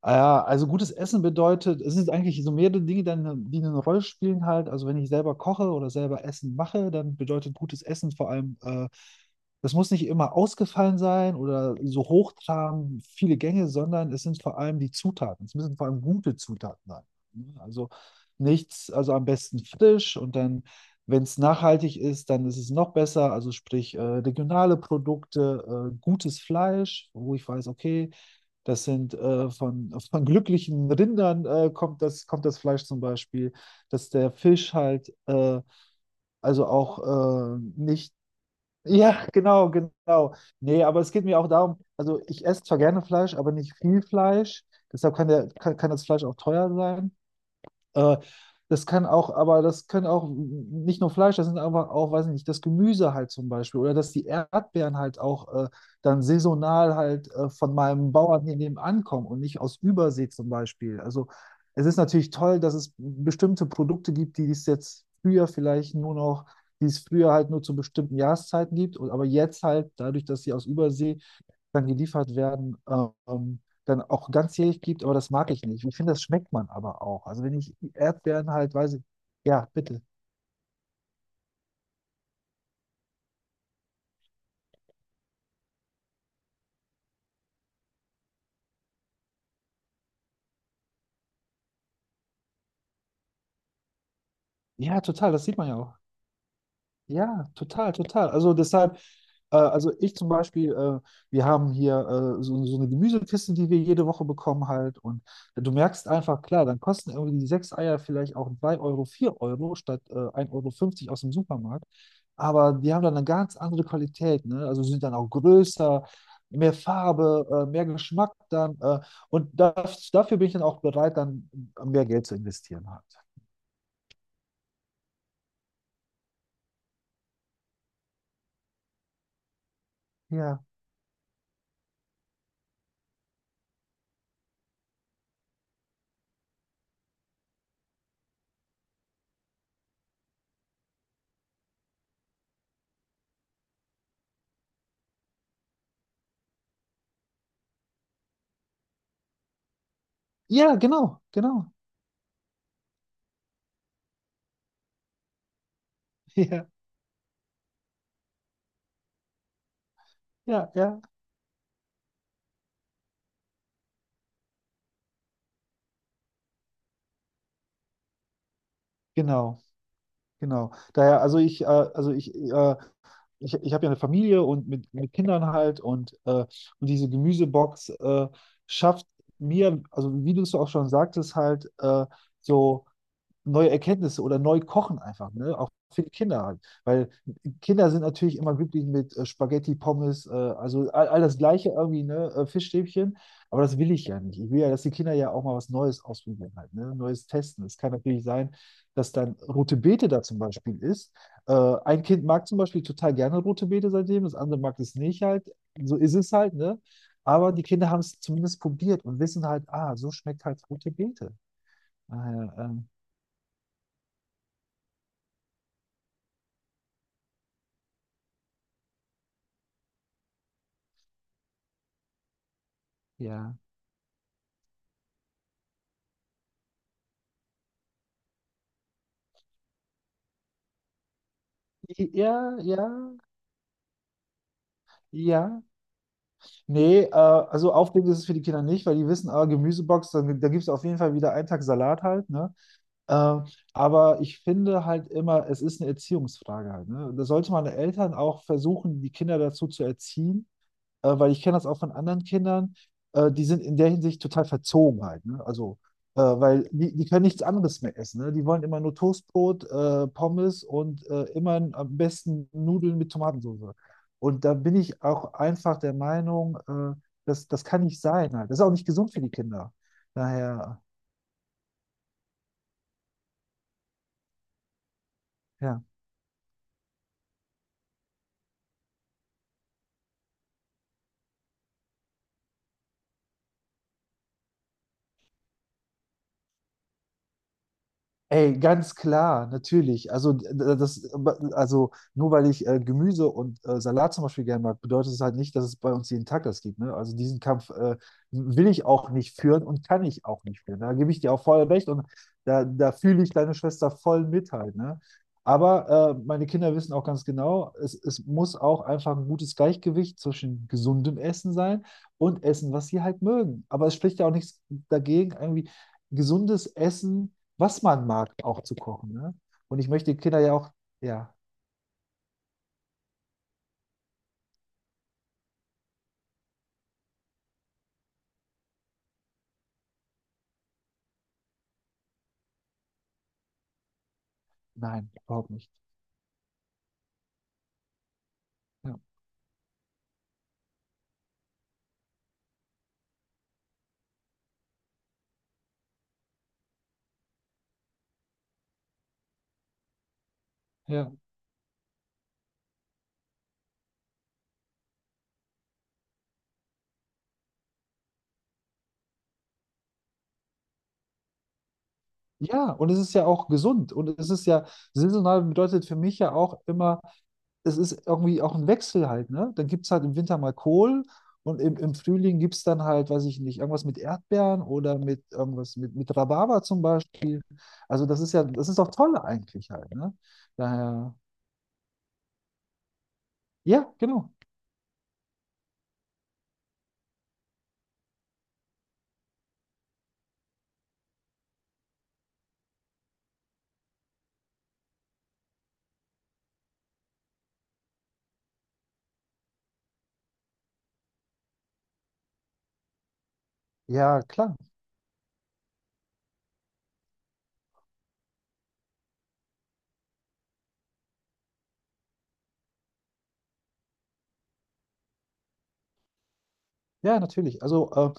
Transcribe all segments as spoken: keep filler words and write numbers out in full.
Ah, ja, also gutes Essen bedeutet, es sind eigentlich so mehrere Dinge, die eine, die eine Rolle spielen halt. Also wenn ich selber koche oder selber Essen mache, dann bedeutet gutes Essen vor allem, äh, das muss nicht immer ausgefallen sein oder so hochtrabend viele Gänge, sondern es sind vor allem die Zutaten. Es müssen vor allem gute Zutaten sein, ne? Also nichts, also am besten frisch und dann, wenn es nachhaltig ist, dann ist es noch besser. Also sprich, äh, regionale Produkte, äh, gutes Fleisch, wo ich weiß, okay, das sind äh, von, von glücklichen Rindern äh, kommt das, kommt das Fleisch zum Beispiel, dass der Fisch halt äh, also auch äh, nicht. Ja, genau, genau. Nee, aber es geht mir auch darum, also ich esse zwar gerne Fleisch, aber nicht viel Fleisch. Deshalb kann, der, kann, kann das Fleisch auch teuer sein. Äh, Das kann auch, aber das können auch nicht nur Fleisch, das sind einfach auch, weiß ich nicht, das Gemüse halt zum Beispiel oder dass die Erdbeeren halt auch äh, dann saisonal halt äh, von meinem Bauern hier nebenan kommen und nicht aus Übersee zum Beispiel. Also es ist natürlich toll, dass es bestimmte Produkte gibt, die es jetzt früher vielleicht nur noch, die es früher halt nur zu bestimmten Jahreszeiten gibt, und- aber jetzt halt dadurch, dass sie aus Übersee dann geliefert werden, ähm, dann auch ganzjährig gibt, aber das mag ich nicht. Ich finde, das schmeckt man aber auch. Also wenn ich Erdbeeren halt, weiß ich, ja, bitte. Ja, total, das sieht man ja auch. Ja, total, total. Also deshalb, äh, also ich zum Beispiel, äh, wir haben hier äh, so, so eine Gemüsekiste, die wir jede Woche bekommen halt. Und du merkst einfach, klar, dann kosten irgendwie die sechs Eier vielleicht auch drei Euro, vier Euro statt äh, 1,50 Euro fünfzig aus dem Supermarkt. Aber die haben dann eine ganz andere Qualität, ne? Also sind dann auch größer, mehr Farbe, äh, mehr Geschmack dann. Äh, und das, dafür bin ich dann auch bereit, dann mehr Geld zu investieren halt. Ja. Ja, genau, genau. Ja, ja, ja. Genau, genau. Daher, also ich, äh, also ich, äh, ich, ich habe ja eine Familie und mit, mit Kindern halt und, äh, und diese Gemüsebox äh, schafft mir, also wie du es auch schon sagtest, halt äh, so neue Erkenntnisse oder neu kochen einfach, ne? Auch für die Kinder halt. Weil Kinder sind natürlich immer glücklich mit äh, Spaghetti, Pommes, äh, also all, all das Gleiche irgendwie, ne? Äh, Fischstäbchen. Aber das will ich ja nicht. Ich will ja, dass die Kinder ja auch mal was Neues ausprobieren halt, ne? Neues testen. Es kann natürlich sein, dass dann rote Beete da zum Beispiel ist. Äh, ein Kind mag zum Beispiel total gerne rote Beete seitdem, das andere mag es nicht halt. So ist es halt, ne? Aber die Kinder haben es zumindest probiert und wissen halt, ah, so schmeckt halt rote Beete. Ah, ja, ähm, ja. Ja, ja, ja. Nee, äh, also aufregend ist es für die Kinder nicht, weil die wissen, ah, Gemüsebox, da, da gibt es auf jeden Fall wieder einen Tag Salat halt, ne? Äh, aber ich finde halt immer, es ist eine Erziehungsfrage halt, ne? Da sollte man Eltern auch versuchen, die Kinder dazu zu erziehen, äh, weil ich kenne das auch von anderen Kindern, äh, die sind in der Hinsicht total verzogen halt, ne? Also, äh, weil die, die können nichts anderes mehr essen, ne? Die wollen immer nur Toastbrot, äh, Pommes und äh, immer am besten Nudeln mit Tomatensauce. Und da bin ich auch einfach der Meinung, äh, das, das kann nicht sein halt. Das ist auch nicht gesund für die Kinder. Daher, ja. Ey, ganz klar, natürlich. Also, d- d- das, also nur weil ich äh, Gemüse und äh, Salat zum Beispiel gerne mag, bedeutet es halt nicht, dass es bei uns jeden Tag das gibt. Ne? Also diesen Kampf äh, will ich auch nicht führen und kann ich auch nicht führen. Da gebe ich dir auch voll recht und da, da fühle ich deine Schwester voll mit halt. Ne? Aber äh, meine Kinder wissen auch ganz genau, es, es muss auch einfach ein gutes Gleichgewicht zwischen gesundem Essen sein und Essen, was sie halt mögen. Aber es spricht ja auch nichts dagegen, irgendwie gesundes Essen was man mag, auch zu kochen. Ne? Und ich möchte die Kinder ja auch, ja, nein, überhaupt nicht. Ja. Ja. Ja, und es ist ja auch gesund. Und es ist ja, saisonal bedeutet für mich ja auch immer, es ist irgendwie auch ein Wechsel halt. Ne? Dann gibt es halt im Winter mal Kohl und im, im Frühling gibt es dann halt, weiß ich nicht, irgendwas mit Erdbeeren oder mit irgendwas mit, mit Rhabarber zum Beispiel. Also das ist ja, das ist auch toll eigentlich halt. Ne? Daher, ja, genau. Ja, klar. Ja, natürlich. Also ähm,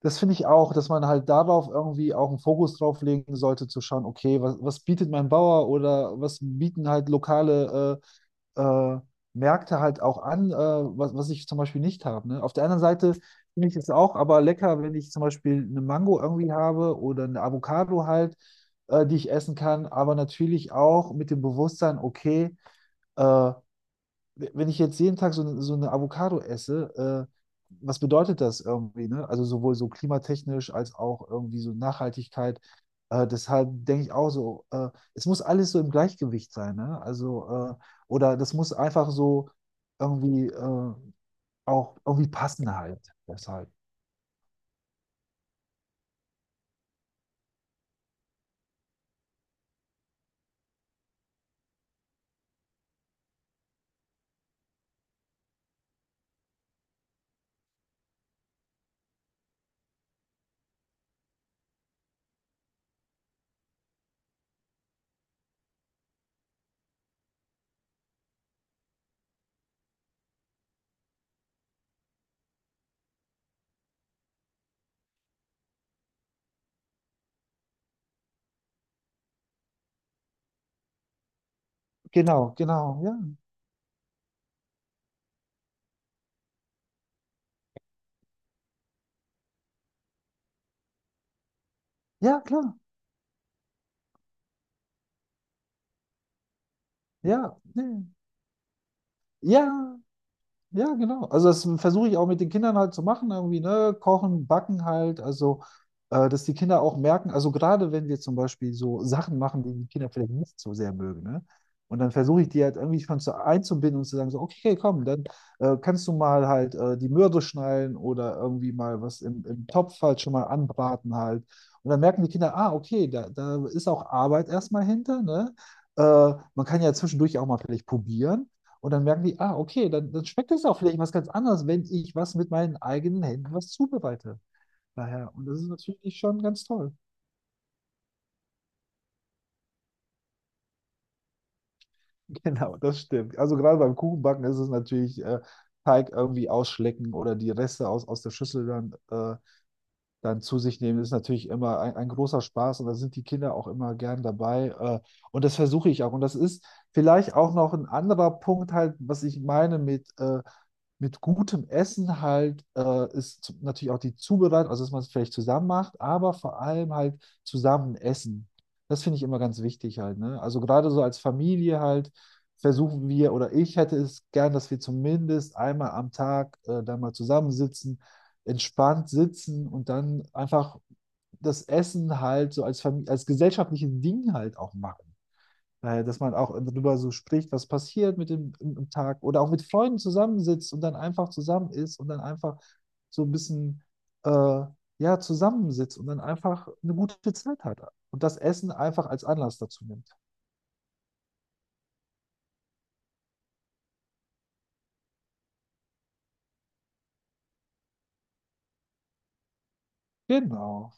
das finde ich auch, dass man halt darauf irgendwie auch einen Fokus drauf legen sollte, zu schauen, okay, was, was bietet mein Bauer oder was bieten halt lokale äh, äh, Märkte halt auch an, äh, was, was ich zum Beispiel nicht habe. Ne? Auf der anderen Seite finde ich es auch aber lecker, wenn ich zum Beispiel eine Mango irgendwie habe oder eine Avocado halt, äh, die ich essen kann, aber natürlich auch mit dem Bewusstsein, okay, äh, wenn ich jetzt jeden Tag so, eine- so eine Avocado esse, äh, was bedeutet das irgendwie, ne? Also sowohl so klimatechnisch als auch irgendwie so Nachhaltigkeit. Äh, deshalb denke ich auch so, äh, es muss alles so im Gleichgewicht sein, ne? Also, äh, oder das muss einfach so irgendwie äh, auch irgendwie passen halt. Deshalb. Genau, genau, ja. Ja, klar. Ja, nee. Ja. Ja, genau. Also das versuche ich auch mit den Kindern halt zu machen, irgendwie, ne? Kochen, backen halt, also äh, dass die Kinder auch merken, also gerade wenn wir zum Beispiel so Sachen machen, die die Kinder vielleicht nicht so sehr mögen, ne? Und dann versuche ich die halt irgendwie schon zu, einzubinden und zu sagen, so, okay, okay, komm, dann äh, kannst du mal halt äh, die Möhre schneiden oder irgendwie mal was im, im Topf halt schon mal anbraten halt. Und dann merken die Kinder, ah, okay, da, da ist auch Arbeit erstmal hinter, ne? Äh, Man kann ja zwischendurch auch mal vielleicht probieren. Und dann merken die, ah, okay, dann, dann schmeckt es auch vielleicht was ganz anderes, wenn ich was mit meinen eigenen Händen was zubereite. Daher, und das ist natürlich schon ganz toll. Genau, das stimmt. Also gerade beim Kuchenbacken ist es natürlich äh, Teig irgendwie ausschlecken oder die Reste aus, aus der Schüssel dann äh, dann zu sich nehmen, ist natürlich immer ein, ein großer Spaß und da sind die Kinder auch immer gern dabei. Äh, und das versuche ich auch. Und das ist vielleicht auch noch ein anderer Punkt halt, was ich meine mit, äh, mit gutem Essen halt, äh, ist zu- natürlich auch die Zubereitung, also dass man es vielleicht zusammen macht, aber vor allem halt zusammen essen. Das finde ich immer ganz wichtig halt, ne? Also gerade so als Familie halt versuchen wir oder ich hätte es gern, dass wir zumindest einmal am Tag äh, da mal zusammensitzen entspannt sitzen und dann einfach das Essen halt so als Familie, als gesellschaftliches Ding halt auch machen. Daher, dass man auch darüber so spricht, was passiert mit dem im, im Tag oder auch mit Freunden zusammensitzt und dann einfach zusammen ist und dann einfach so ein bisschen äh, ja, zusammensitzt und dann einfach eine gute Zeit hat und das Essen einfach als Anlass dazu nimmt. Genau.